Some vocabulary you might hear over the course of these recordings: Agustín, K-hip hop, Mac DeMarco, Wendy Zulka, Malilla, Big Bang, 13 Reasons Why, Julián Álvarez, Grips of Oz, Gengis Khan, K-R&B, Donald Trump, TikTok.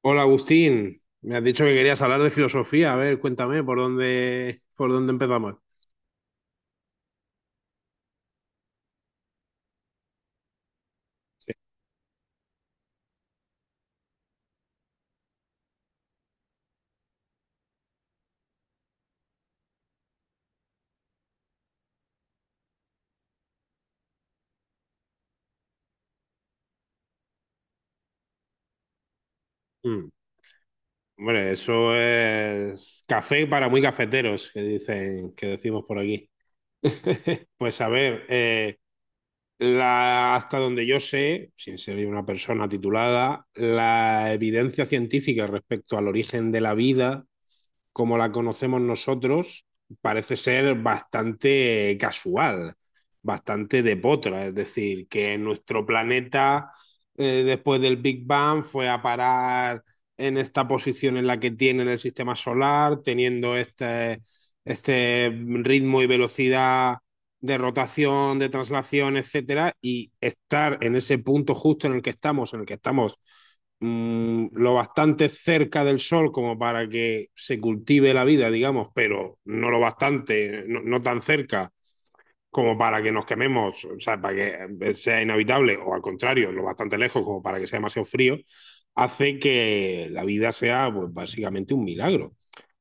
Hola Agustín, me has dicho que querías hablar de filosofía. A ver, cuéntame por dónde empezamos. Sí. Mm. Hombre, eso es café para muy cafeteros, que dicen, que decimos por aquí. Pues a ver, hasta donde yo sé, sin ser una persona titulada, la evidencia científica respecto al origen de la vida, como la conocemos nosotros, parece ser bastante casual, bastante de potra. Es decir, que nuestro planeta, después del Big Bang, fue a parar en esta posición en la que tiene en el sistema solar, teniendo este ritmo y velocidad de rotación, de traslación, etcétera, y estar en ese punto justo en el que estamos, en el que estamos mmm, lo bastante cerca del sol como para que se cultive la vida, digamos, pero no lo bastante, no tan cerca como para que nos quememos, o sea, para que sea inhabitable, o al contrario, lo bastante lejos como para que sea demasiado frío, hace que la vida sea, pues, básicamente un milagro.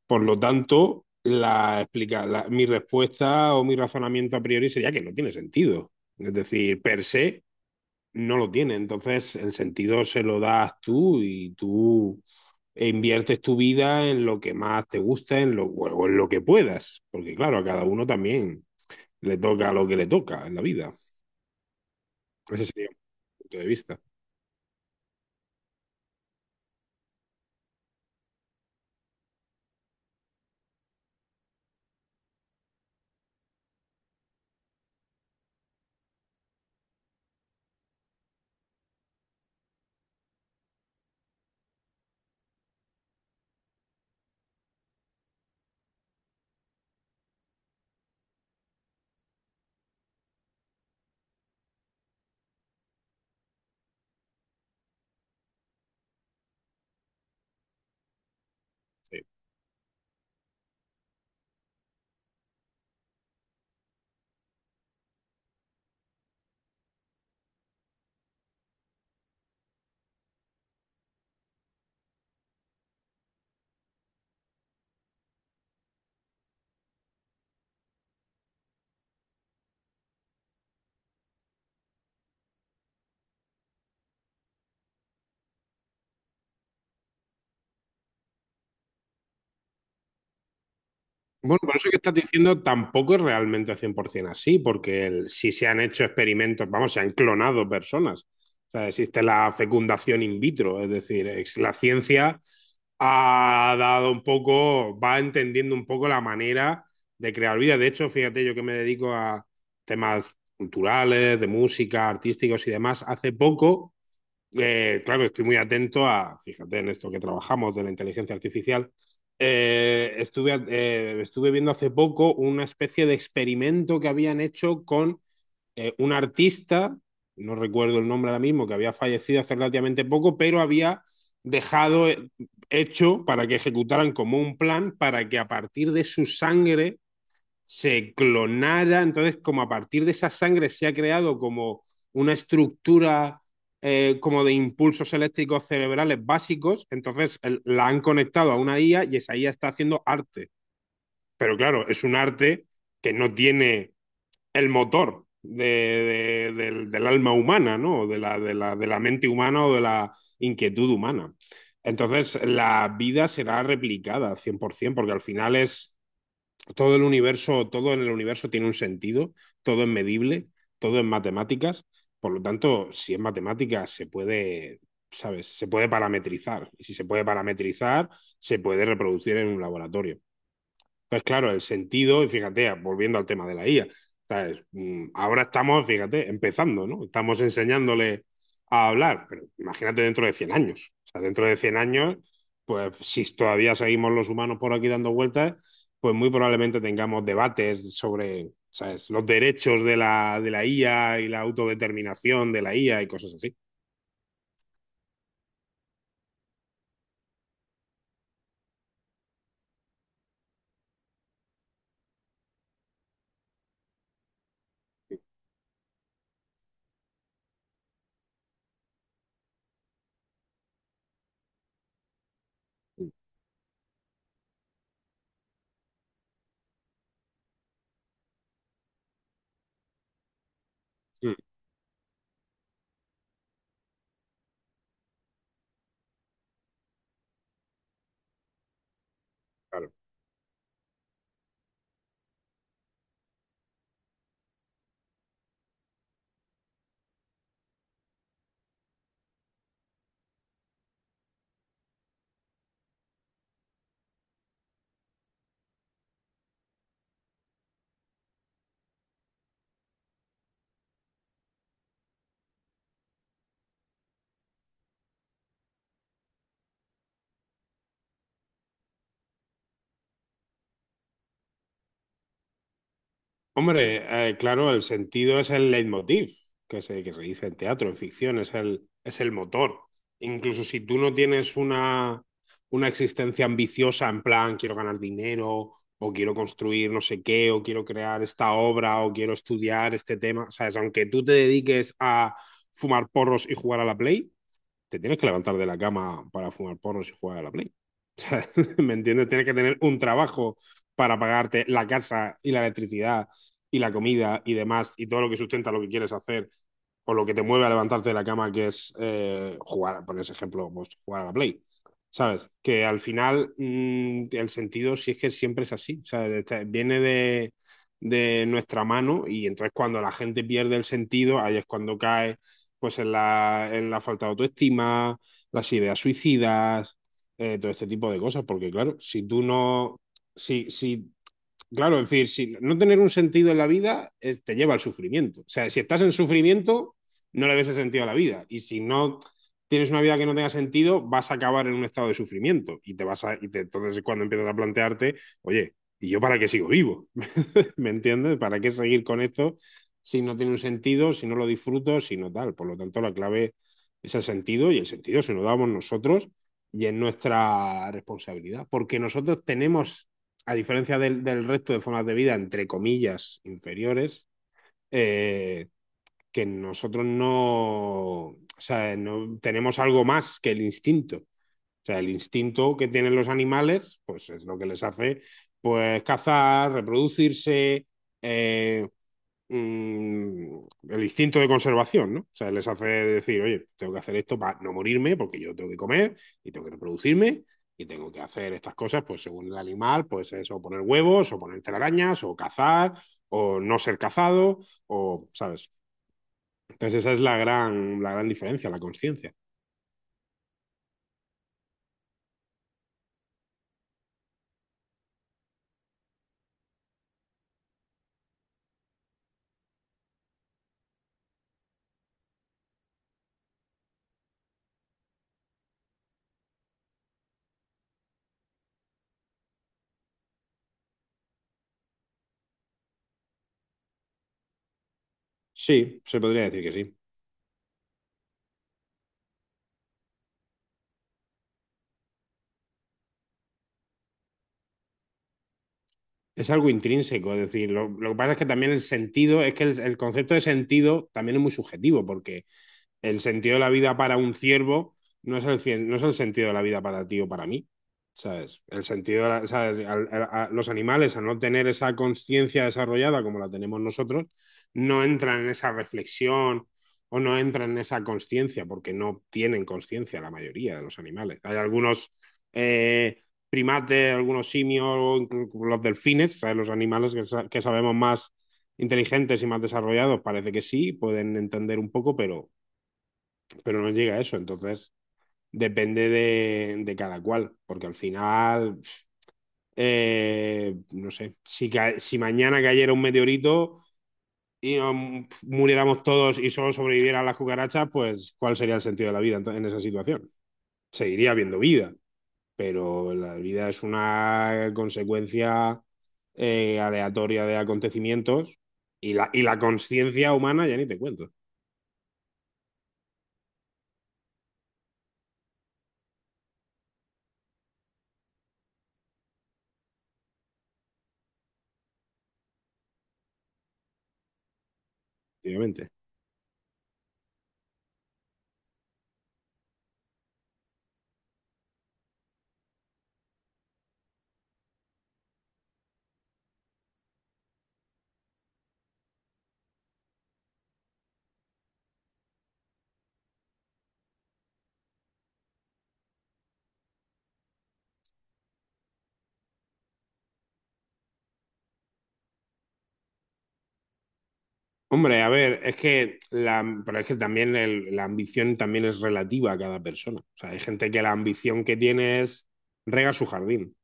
Por lo tanto, mi respuesta o mi razonamiento a priori sería que no tiene sentido. Es decir, per se no lo tiene. Entonces, el sentido se lo das tú y tú inviertes tu vida en lo que más te gusta, o en lo que puedas. Porque claro, a cada uno también le toca lo que le toca en la vida. Ese sería mi punto de vista. Sí. Bueno, por eso que estás diciendo tampoco es realmente 100% así, porque si se han hecho experimentos, vamos, se han clonado personas. O sea, existe la fecundación in vitro, es decir, es- la ciencia ha dado un poco, va entendiendo un poco la manera de crear vida. De hecho, fíjate, yo que me dedico a temas culturales, de música, artísticos y demás, hace poco, claro, estoy muy atento a, fíjate en esto que trabajamos de la inteligencia artificial. Estuve viendo hace poco una especie de experimento que habían hecho con un artista, no recuerdo el nombre ahora mismo, que había fallecido hace relativamente poco, pero había dejado hecho para que ejecutaran como un plan para que a partir de su sangre se clonara, entonces como a partir de esa sangre se ha creado como una estructura, como de impulsos eléctricos cerebrales básicos, entonces la han conectado a una IA y esa IA está haciendo arte. Pero claro, es un arte que no tiene el motor del alma humana, ¿no? De la mente humana o de la inquietud humana. Entonces la vida será replicada 100% porque al final es todo el universo, todo en el universo tiene un sentido, todo es medible, todo es matemáticas. Por lo tanto, si es matemáticas, se puede, ¿sabes? Se puede parametrizar. Y si se puede parametrizar, se puede reproducir en un laboratorio. Entonces, claro, el sentido, y fíjate, volviendo al tema de la IA, ¿sabes? Ahora estamos, fíjate, empezando, ¿no? Estamos enseñándole a hablar, pero imagínate dentro de 100 años. O sea, dentro de 100 años, pues si todavía seguimos los humanos por aquí dando vueltas, pues muy probablemente tengamos debates sobre, ¿sabes?, los derechos de la, IA y la autodeterminación de la IA y cosas así. Mm, claro. Hombre, claro, el sentido es el leitmotiv, que se dice en teatro, en ficción, es el motor. Incluso si tú no tienes una existencia ambiciosa, en plan, quiero ganar dinero, o quiero construir no sé qué, o quiero crear esta obra, o quiero estudiar este tema, ¿sabes? Aunque tú te dediques a fumar porros y jugar a la Play, te tienes que levantar de la cama para fumar porros y jugar a la Play. ¿Me entiendes? Tienes que tener un trabajo para pagarte la casa y la electricidad y la comida y demás y todo lo que sustenta lo que quieres hacer o lo que te mueve a levantarte de la cama, que es, jugar, por ese ejemplo, pues, jugar a la Play. ¿Sabes? Que al final, mmm, el sentido sí es que siempre es así. O sea, viene de nuestra mano y entonces cuando la gente pierde el sentido, ahí es cuando cae, pues, en la falta de autoestima, las ideas suicidas, todo este tipo de cosas, porque claro, si tú no, si, si, claro, en fin, si no tener un sentido en la vida, te lleva al sufrimiento. O sea, si estás en sufrimiento, no le ves el sentido a la vida. Y si no tienes una vida que no tenga sentido, vas a acabar en un estado de sufrimiento. Y te vas a, y te, entonces es cuando empiezas a plantearte, oye, ¿y yo para qué sigo vivo? ¿Me entiendes? ¿Para qué seguir con esto si no tiene un sentido, si no lo disfruto, si no tal? Por lo tanto, la clave es el sentido y el sentido se lo damos nosotros y es nuestra responsabilidad, porque nosotros tenemos, a diferencia del resto de formas de vida, entre comillas, inferiores, eh, que nosotros no, o sea, no tenemos algo más que el instinto. O sea, el instinto que tienen los animales, pues es lo que les hace, pues, cazar, reproducirse, eh, mmm, el instinto de conservación, ¿no? O sea, les hace decir, oye, tengo que hacer esto para no morirme, porque yo tengo que comer y tengo que reproducirme y tengo que hacer estas cosas, pues según el animal, pues es o poner huevos, o poner telarañas, o cazar, o no ser cazado, o, ¿sabes? Entonces esa es la gran diferencia, la conciencia. Sí, se podría decir que sí. Es algo intrínseco, es decir, lo que pasa es que también el sentido, es que el concepto de sentido también es muy subjetivo, porque el sentido de la vida para un ciervo no es el sentido de la vida para ti o para mí. ¿Sabes? El sentido, ¿sabes? A los animales, al no tener esa conciencia desarrollada como la tenemos nosotros, no entran en esa reflexión o no entran en esa conciencia, porque no tienen conciencia la mayoría de los animales. Hay algunos, eh, primates, algunos simios, los delfines, ¿sabes?, los animales que sabemos más inteligentes y más desarrollados, parece que sí, pueden entender un poco, pero no llega a eso. Entonces, depende de cada cual, porque al final, no sé, si mañana cayera un meteorito y, muriéramos todos y solo sobrevivieran las cucarachas, pues ¿cuál sería el sentido de la vida en esa situación? Seguiría habiendo vida, pero la vida es una consecuencia, aleatoria de acontecimientos y la conciencia humana ya ni te cuento, obviamente. Hombre, a ver, es que la, pero es que también la ambición también es relativa a cada persona. O sea, hay gente que la ambición que tiene es regar su jardín.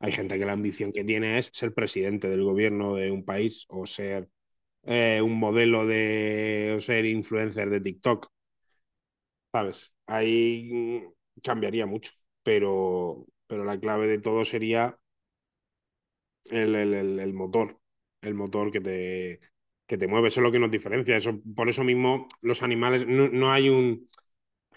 Hay gente que la ambición que tiene es ser presidente del gobierno de un país o ser un modelo de o ser influencer de TikTok, ¿sabes? Ahí cambiaría mucho, pero la clave de todo sería el motor, el motor que te mueve, eso es lo que nos diferencia. Eso, por eso mismo los animales, no hay un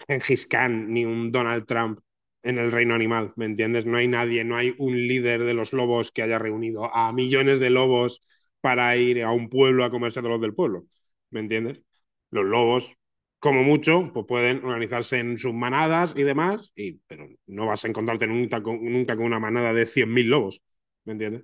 Gengis Khan ni un Donald Trump en el reino animal, ¿me entiendes? No hay nadie, no hay un líder de los lobos que haya reunido a millones de lobos para ir a un pueblo a comerse a todos los del pueblo, ¿me entiendes? Los lobos, como mucho, pues pueden organizarse en sus manadas y demás, y, pero no vas a encontrarte nunca con, nunca con una manada de 100.000 lobos, ¿me entiendes?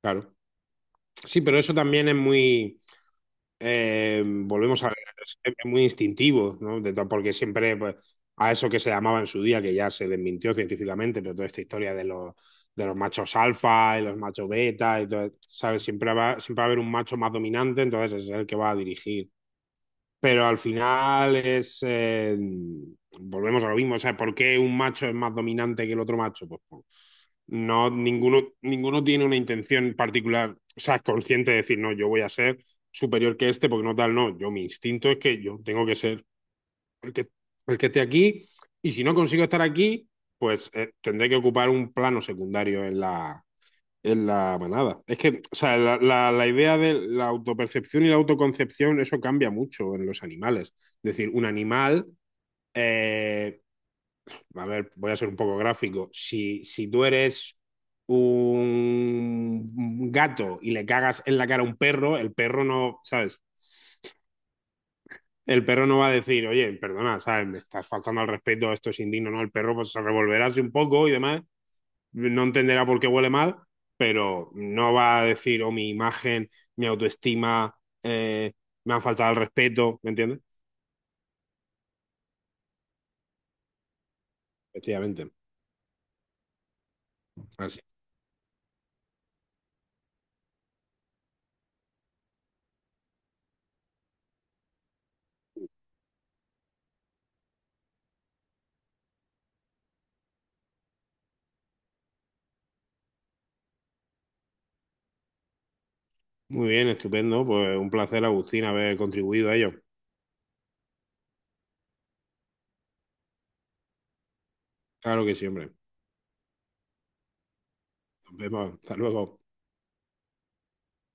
Claro. Sí, pero eso también es muy, volvemos a ver, es muy instintivo, ¿no? De to- porque siempre, pues, a eso que se llamaba en su día, que ya se desmintió científicamente, pero toda esta historia de los, machos alfa y los machos beta, y todo, ¿sabes? Siempre va a haber un macho más dominante, entonces es el que va a dirigir, pero al final es, volvemos a lo mismo. O sea, ¿por qué un macho es más dominante que el otro macho? Pues, no, ninguno, tiene una intención particular, o sea, consciente de decir, no, yo voy a ser superior que este porque no tal, no. Yo, mi instinto es que yo tengo que ser el que, el que esté aquí y si no consigo estar aquí, pues, tendré que ocupar un plano secundario en la manada. Es que, o sea, la, la idea de la autopercepción y la autoconcepción, eso cambia mucho en los animales. Es decir, un animal, eh, a ver, voy a ser un poco gráfico. Si tú eres un gato y le cagas en la cara a un perro, el perro no, ¿sabes? El perro no va a decir, oye, perdona, ¿sabes? Me estás faltando al respeto, esto es indigno, ¿no? El perro, pues, se revolverá así un poco y demás, no entenderá por qué huele mal, pero no va a decir, oh, mi imagen, mi autoestima, eh, me han faltado el respeto, ¿me entiendes? Efectivamente. Así. Muy bien, estupendo. Pues un placer, Agustín, haber contribuido a ello. Claro que siempre. Nos vemos. Hasta luego.